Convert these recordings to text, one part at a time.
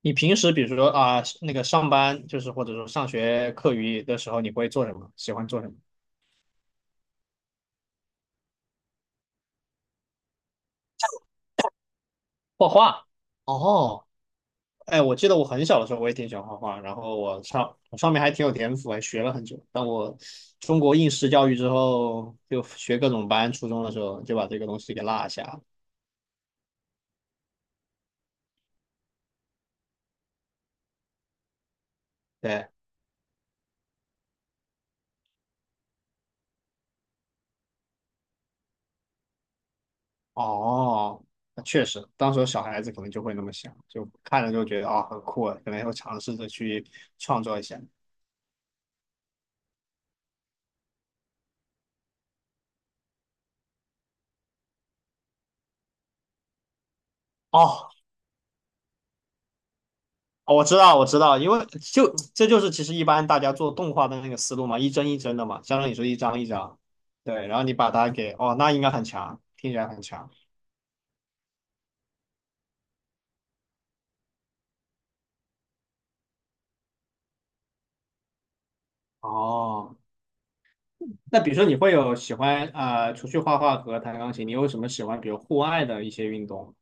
你平时比如说啊，那个上班就是或者说上学课余的时候，你会做什么？喜欢做什么？画画。哦。哎，我记得我很小的时候我也挺喜欢画画，然后我上面还挺有天赋，还学了很久。但我中国应试教育之后，就学各种班，初中的时候就把这个东西给落下了。对。哦，那确实，当时小孩子可能就会那么想，就看了就觉得啊、很酷啊，可能会尝试着去创作一下。哦。哦我知道，我知道，因为就这就是其实一般大家做动画的那个思路嘛，一帧一帧的嘛，相当于说一张一张。对，然后你把它给，哦，那应该很强，听起来很强。哦，那比如说你会有喜欢啊、除去画画和弹钢琴，你有什么喜欢比如户外的一些运动？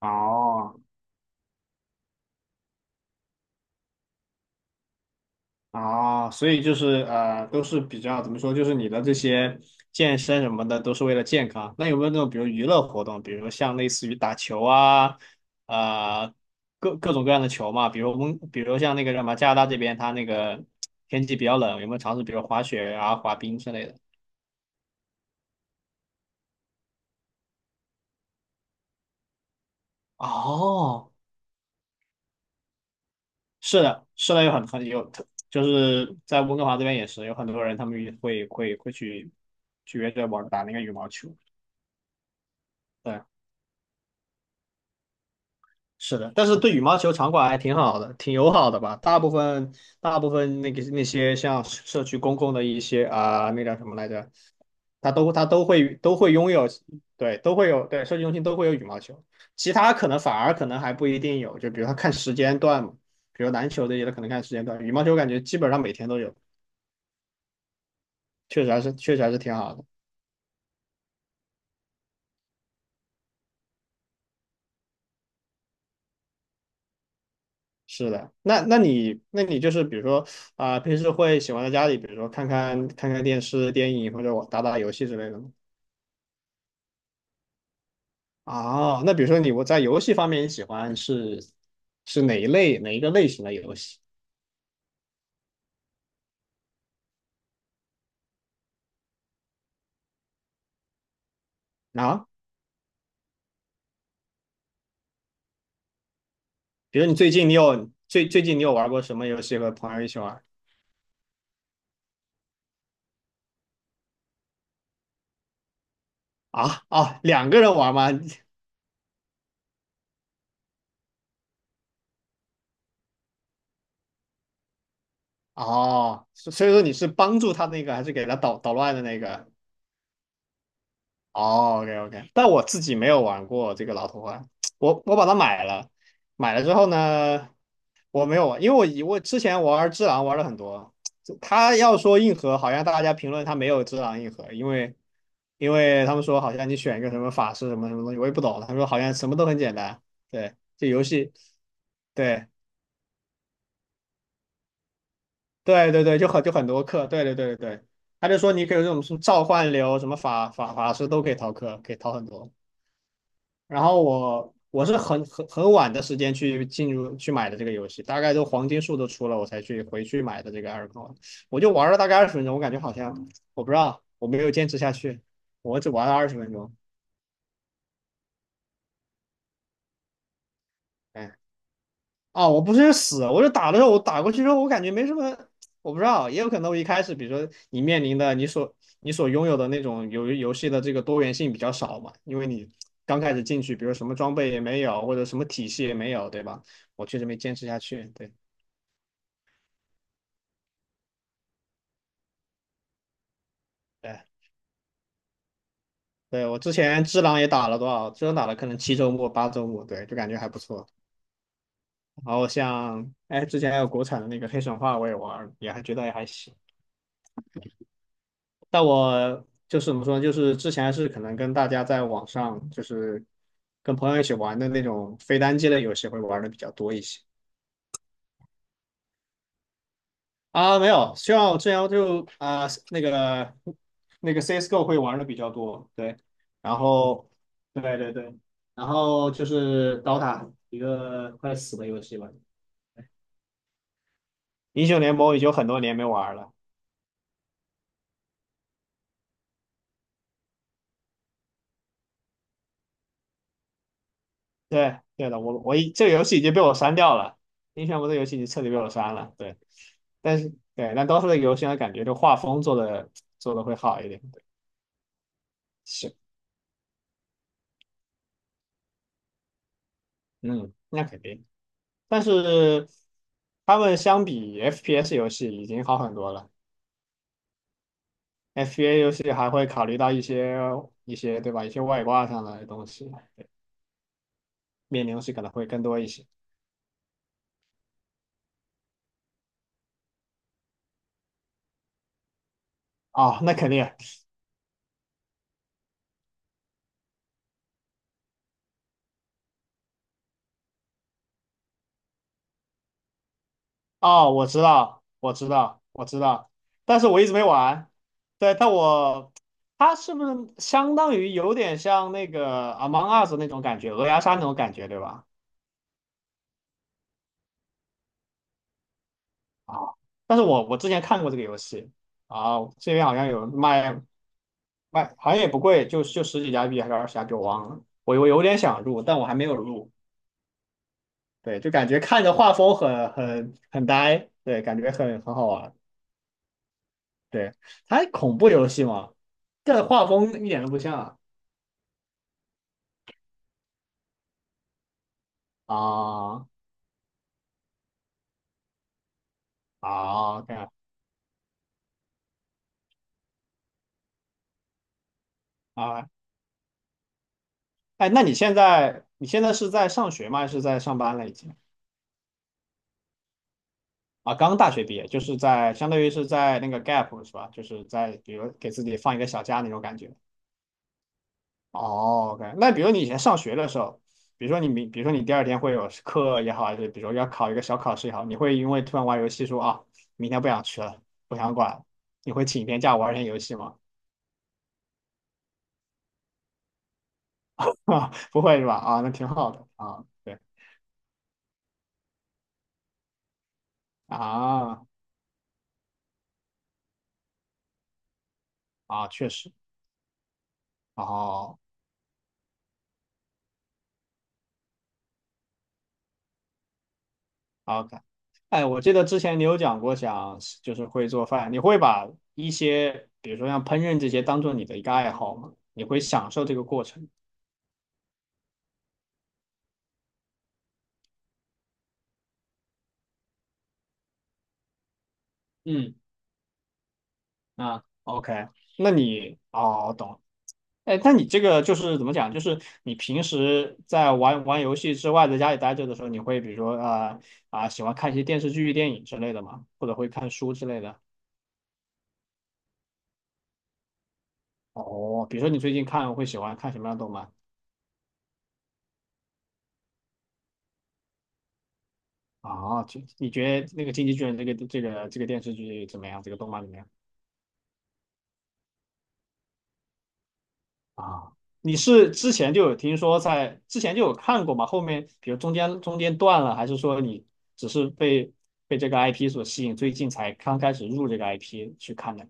哦。啊，所以就是都是比较怎么说，就是你的这些健身什么的，都是为了健康。那有没有那种比如娱乐活动，比如像类似于打球啊，啊、各种各样的球嘛，比如温，比如像那个什么加拿大这边，它那个天气比较冷，有没有尝试比如滑雪啊、滑冰之类的？哦。是的，是的，有很很有，就是在温哥华这边也是有很多人，他们会去去约着玩打那个羽毛球。对。是的，但是对羽毛球场馆还挺好的，挺友好的吧？大部分那个那些像社区公共的一些啊、那叫什么来着？它都会都会拥有。对，都会有，对，社区中心都会有羽毛球，其他可能反而可能还不一定有，就比如它看时间段嘛，比如篮球这些它可能看时间段，羽毛球感觉基本上每天都有，确实还是挺好的。是的。那你就是比如说啊、平时会喜欢在家里，比如说看电视、电影或者我打打游戏之类的吗？啊，那比如说你在游戏方面，你喜欢是是哪一类哪一个类型的游戏啊？比如你最近你有最近你有玩过什么游戏和朋友一起玩啊？哦，两个人玩吗？哦，所所以说你是帮助他那个，还是给他捣捣乱的那个？哦，OK OK,但我自己没有玩过这个老头环，我把它买了，买了之后呢，我没有玩，因为我之前玩只狼玩了很多，他要说硬核，好像大家评论他没有只狼硬核，因为。因为他们说好像你选一个什么法师什么什么东西，我也不懂。他们说好像什么都很简单。对，这游戏。对对对对，就很就很多课，对对对对对。他就说你可以有这种什么召唤流、什么法师都可以逃课，可以逃很多。然后我是很晚的时间去进入去买的这个游戏，大概都黄金树都出了，我才去回去买的这个二尔。我就玩了大概二十分钟，我感觉好像我不知道我没有坚持下去，我只玩了二十分钟。哎。啊，我不是死，我是打的时候，我打过去之后，我感觉没什么，我不知道，也有可能我一开始，比如说你面临的你所拥有的那种游戏的这个多元性比较少嘛，因为你刚开始进去，比如什么装备也没有，或者什么体系也没有，对吧？我确实没坚持下去。对，对，对，我之前只狼也打了多少？只狼打了可能7周末、8周末，对，就感觉还不错。然后像哎，之前还有国产的那个黑神话我也玩儿也还觉得也还行。但我就是怎么说呢？就是之前是可能跟大家在网上，就是跟朋友一起玩的那种非单机类游戏会玩的比较多一些啊。没有，像我之前就啊、那个那个 CS:GO 会玩的比较多。对，然后对对对，然后就是 DOTA 一个快死的游戏吧，英雄联盟已经有很多年没玩了。对对的，我这个游戏已经被我删掉了，英雄联盟这个游戏已经彻底被我删了。对，但是对，但 d o 的游戏呢，感觉就画风做的会好一点。对。是，嗯，那肯定。但是他们相比 FPS 游戏已经好很多了，FPS 游戏还会考虑到一些一些对吧，一些外挂上的东西，面临东西可能会更多一些。哦，那肯定。哦，我知道，我知道，我知道，但是我一直没玩。对，但我它是不是相当于有点像那个《Among Us》那种感觉，鹅鸭杀那种感觉，对吧？啊，但是我之前看过这个游戏啊，这边好像有卖卖，好像也不贵，就就十几加币还是20加币，我忘了。我有点想入，但我还没有入。对，就感觉看着画风很呆，对，感觉很好玩。对，它恐怖游戏嘛，这画风一点都不像啊。啊。啊，OK。 啊，哎，那你现在你现在是在上学吗？还是在上班了已经？啊，刚大学毕业，就是在相当于是在那个 gap 是吧？就是在比如给自己放一个小假那种感觉。哦，OK,那比如你以前上学的时候，比如说你第二天会有课也好，还是比如说要考一个小考试也好，你会因为突然玩游戏说啊，明天不想去了，不想管了你会请一天假玩一天游戏吗？啊，不会是吧？啊，那挺好的啊。对啊啊，确实。哦，OK。哎，我记得之前你有讲过想就是会做饭，你会把一些比如说像烹饪这些当做你的一个爱好吗？你会享受这个过程？嗯。啊，OK,那你哦，懂了。哎，那你这个就是怎么讲？就是你平时在玩玩游戏之外，在家里待着的时候，你会比如说啊啊、喜欢看一些电视剧、电影之类的吗？或者会看书之类的？哦，比如说你最近看会喜欢看什么样的动漫？啊，就你觉得那个《进击巨人》这个这个这个电视剧怎么样？这个动漫怎么样？啊，你是之前就有听说在之前就有看过吗？后面比如中间断了，还是说你只是被这个 IP 所吸引，最近才刚开始入这个 IP 去看的？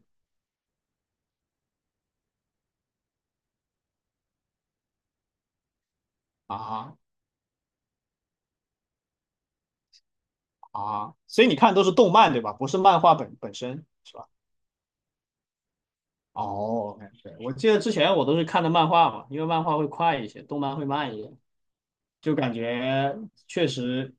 啊啊，所以你看都是动漫对吧？不是漫画本身是吧？哦，对，我记得之前我都是看的漫画嘛，因为漫画会快一些，动漫会慢一些。就感觉确实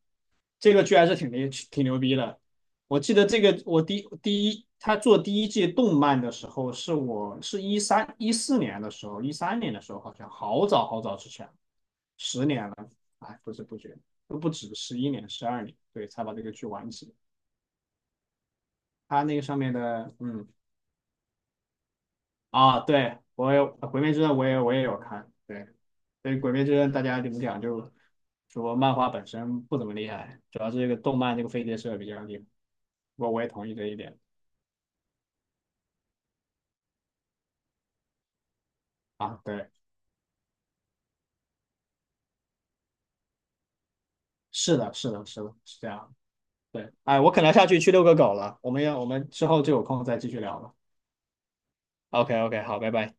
这个剧还是挺牛逼的。我记得这个我第第一他做第一季动漫的时候，是2013、2014年的时候，2013年的时候好像好早好早之前，10年了。哎，不知不觉都不止11年、12年，对，才把这个剧完结。他那个上面的，嗯。啊，对我也《鬼灭之刃》，我也有看，对。所以《鬼灭之刃》，大家怎么讲就说漫画本身不怎么厉害，主要是这个动漫这个飞碟社比较厉害。我也同意这一点。啊，对，是的，是的，是的，是这样。对。哎，我可能下去去遛个狗了，我们之后就有空再继续聊了。OK OK,好，拜拜。